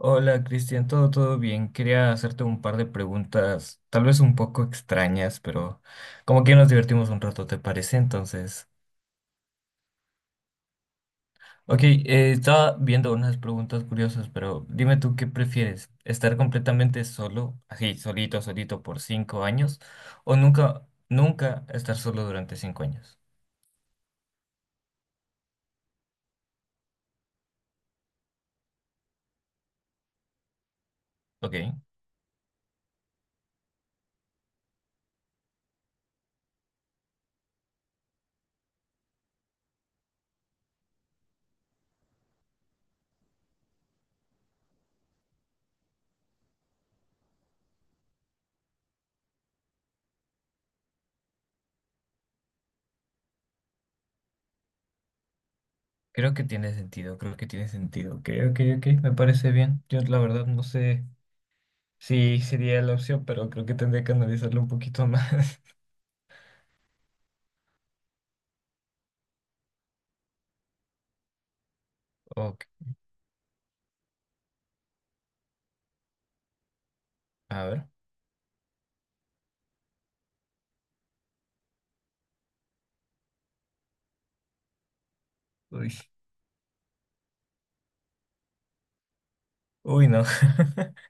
Hola Cristian, todo bien. Quería hacerte un par de preguntas, tal vez un poco extrañas, pero como que nos divertimos un rato, ¿te parece? Entonces, ok, estaba viendo unas preguntas curiosas, pero dime tú qué prefieres, estar completamente solo, así, solito, solito por 5 años, o nunca, nunca estar solo durante 5 años. Ok, creo que tiene sentido, creo que tiene sentido. Ok, ok, ok, me parece bien. Yo la verdad no sé. Sí, sería la opción, pero creo que tendría que analizarlo un poquito más. Ok, a ver. Uy, uy, no.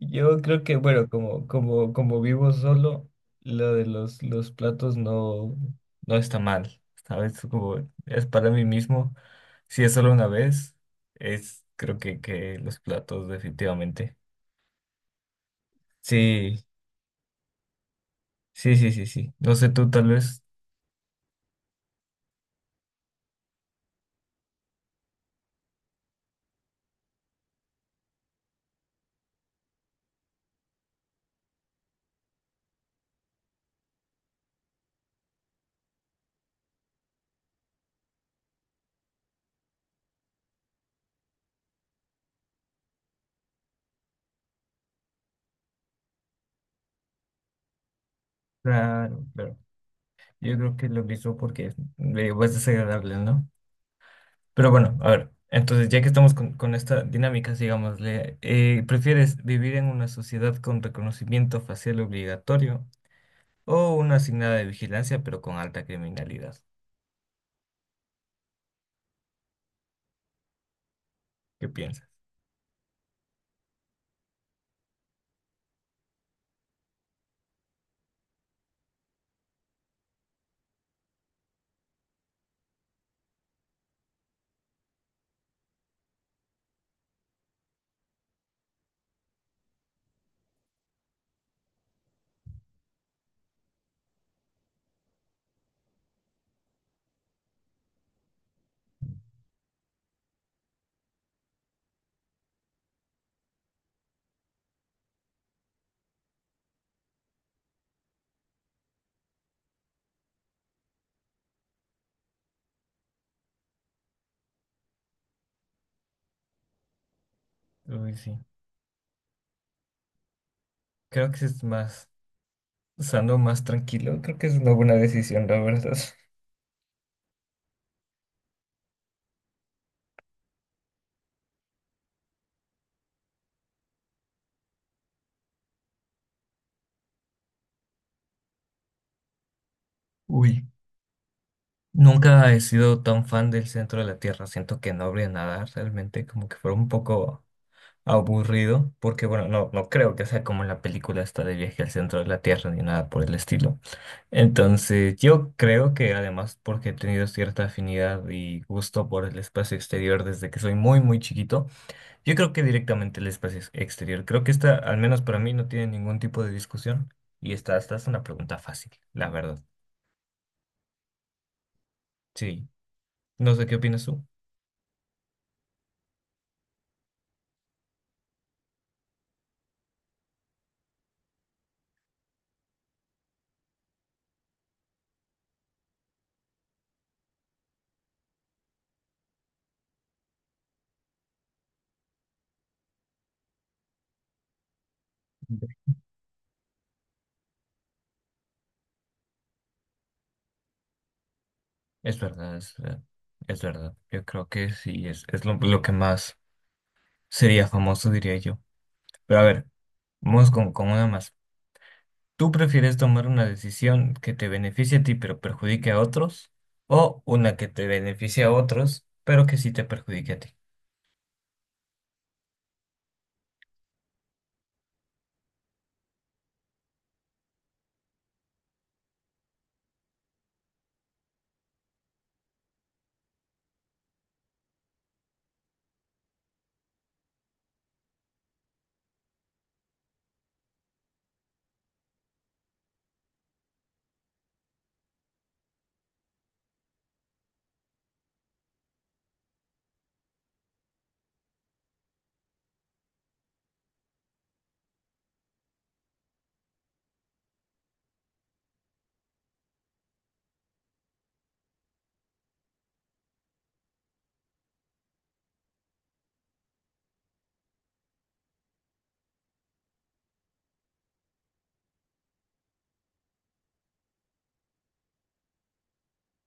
Yo creo que, bueno, como vivo solo, lo de los platos no, no está mal. ¿Sabes? Como es para mí mismo. Si es solo una vez, es creo que los platos, definitivamente. Sí, sí, sí, sí, sí. No sé tú, tal vez. Claro, claro. Yo creo que lo mismo porque es desagradable, ¿no? Pero bueno, a ver, entonces ya que estamos con esta dinámica, digámosle, ¿prefieres vivir en una sociedad con reconocimiento facial obligatorio o una asignada de vigilancia pero con alta criminalidad? ¿Qué piensas? Uy, sí, creo que es más sano, más tranquilo, creo que es una buena decisión, la verdad. Uy, nunca he sido tan fan del centro de la Tierra, siento que no habría nada realmente, como que fuera un poco aburrido, porque bueno, no, no creo que sea como la película esta de viaje al centro de la Tierra ni nada por el estilo. Entonces, yo creo que además porque he tenido cierta afinidad y gusto por el espacio exterior desde que soy muy, muy chiquito, yo creo que directamente el espacio exterior. Creo que esta, al menos para mí, no tiene ningún tipo de discusión y esta es una pregunta fácil, la verdad. Sí, no sé qué opinas tú. Es verdad, es verdad, es verdad. Yo creo que sí, es lo que más sería famoso, diría yo. Pero a ver, vamos con una más. ¿Tú prefieres tomar una decisión que te beneficie a ti pero perjudique a otros? ¿O una que te beneficie a otros pero que sí te perjudique a ti?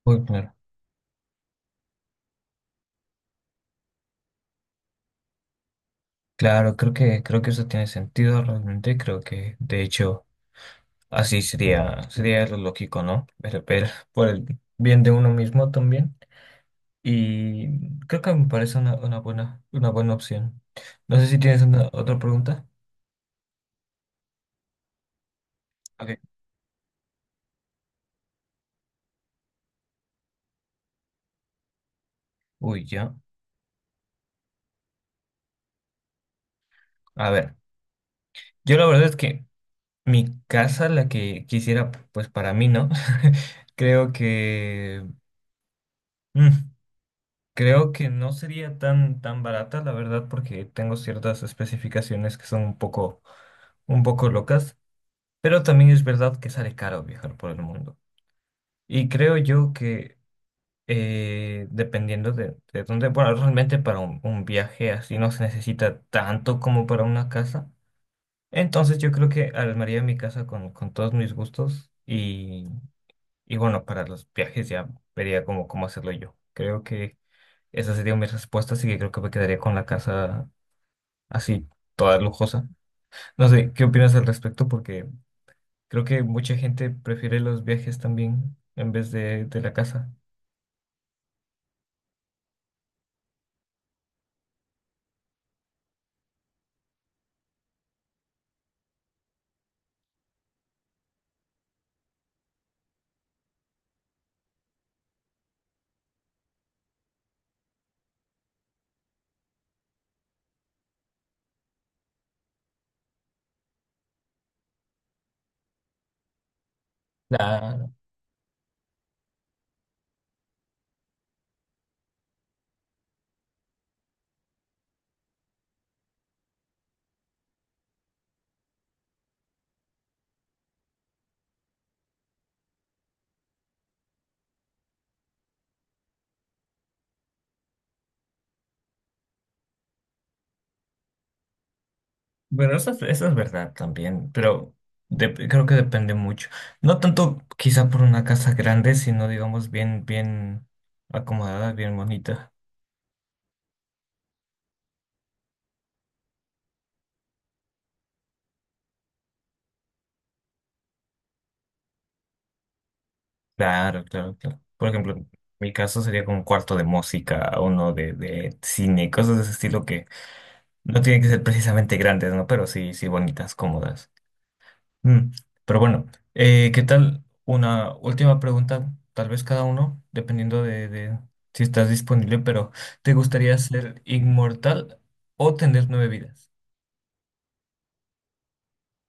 Muy claro. Claro, creo que eso tiene sentido realmente. Creo que de hecho así sería, sería lo lógico, ¿no? Pero por el bien de uno mismo también. Y creo que me parece una buena opción. No sé si tienes una, otra pregunta. Ok. Uy, ya. A ver. Yo la verdad es que mi casa, la que quisiera, pues para mí, ¿no? Creo que... mm, creo que no sería tan barata, la verdad, porque tengo ciertas especificaciones que son un poco locas, pero también es verdad que sale caro viajar por el mundo. Y creo yo que dependiendo de dónde, bueno, realmente para un viaje así no se necesita tanto como para una casa. Entonces yo creo que armaría mi casa con todos mis gustos. Y bueno, para los viajes ya vería cómo hacerlo yo. Creo que esa sería mi respuesta, así que creo que me quedaría con la casa así, toda lujosa. No sé, ¿qué opinas al respecto? Porque creo que mucha gente prefiere los viajes también en vez de la casa. Claro. Bueno, eso, eso es verdad también, pero creo que depende mucho. No tanto quizá por una casa grande, sino digamos bien, bien acomodada, bien bonita. Claro, claro, claro. Por ejemplo, en mi caso sería como un cuarto de música, uno de cine, cosas de ese estilo que no tienen que ser precisamente grandes, ¿no? Pero sí, sí bonitas, cómodas. Mm, pero bueno, ¿qué tal? Una última pregunta, tal vez cada uno, dependiendo de si estás disponible, pero ¿te gustaría ser inmortal o tener 9 vidas?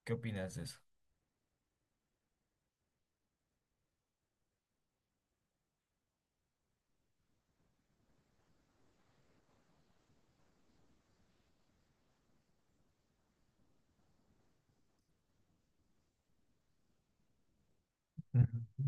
¿Qué opinas de eso? Ujú.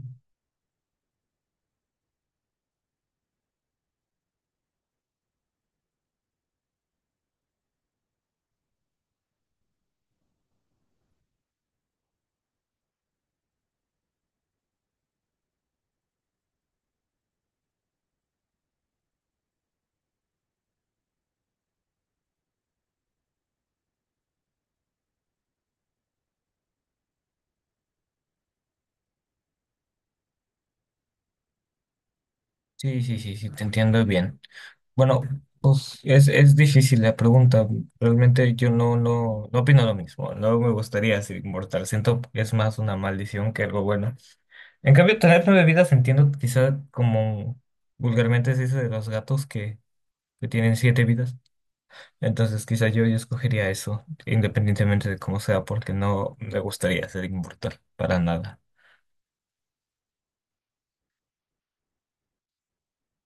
Sí, sí, sí, sí, te entiendo bien. Bueno, pues es difícil la pregunta. Realmente yo no, no, no opino lo mismo. No me gustaría ser inmortal. Siento que es más una maldición que algo bueno. En cambio, tener 9 vidas entiendo quizá como vulgarmente se dice de los gatos que tienen 7 vidas. Entonces quizá yo, yo escogería eso, independientemente de cómo sea, porque no me gustaría ser inmortal para nada.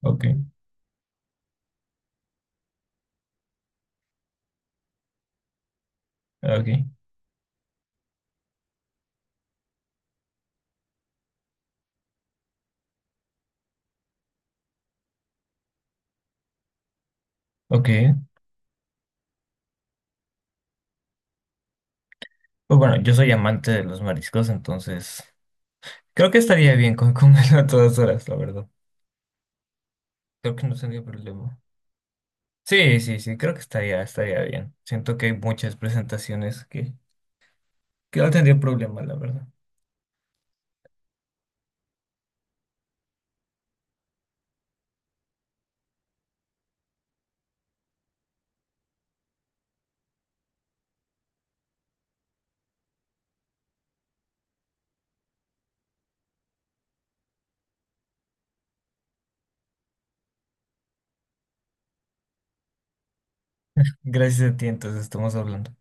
Ok, ok, ok. Pues bueno, yo soy amante de los mariscos, entonces... Creo que estaría bien con comerlo a todas horas, la verdad. Creo que no sería problema. Sí, sí, sí, creo que estaría, estaría bien. Siento que hay muchas presentaciones que no tendría problema, la verdad. Gracias a ti, entonces estamos hablando.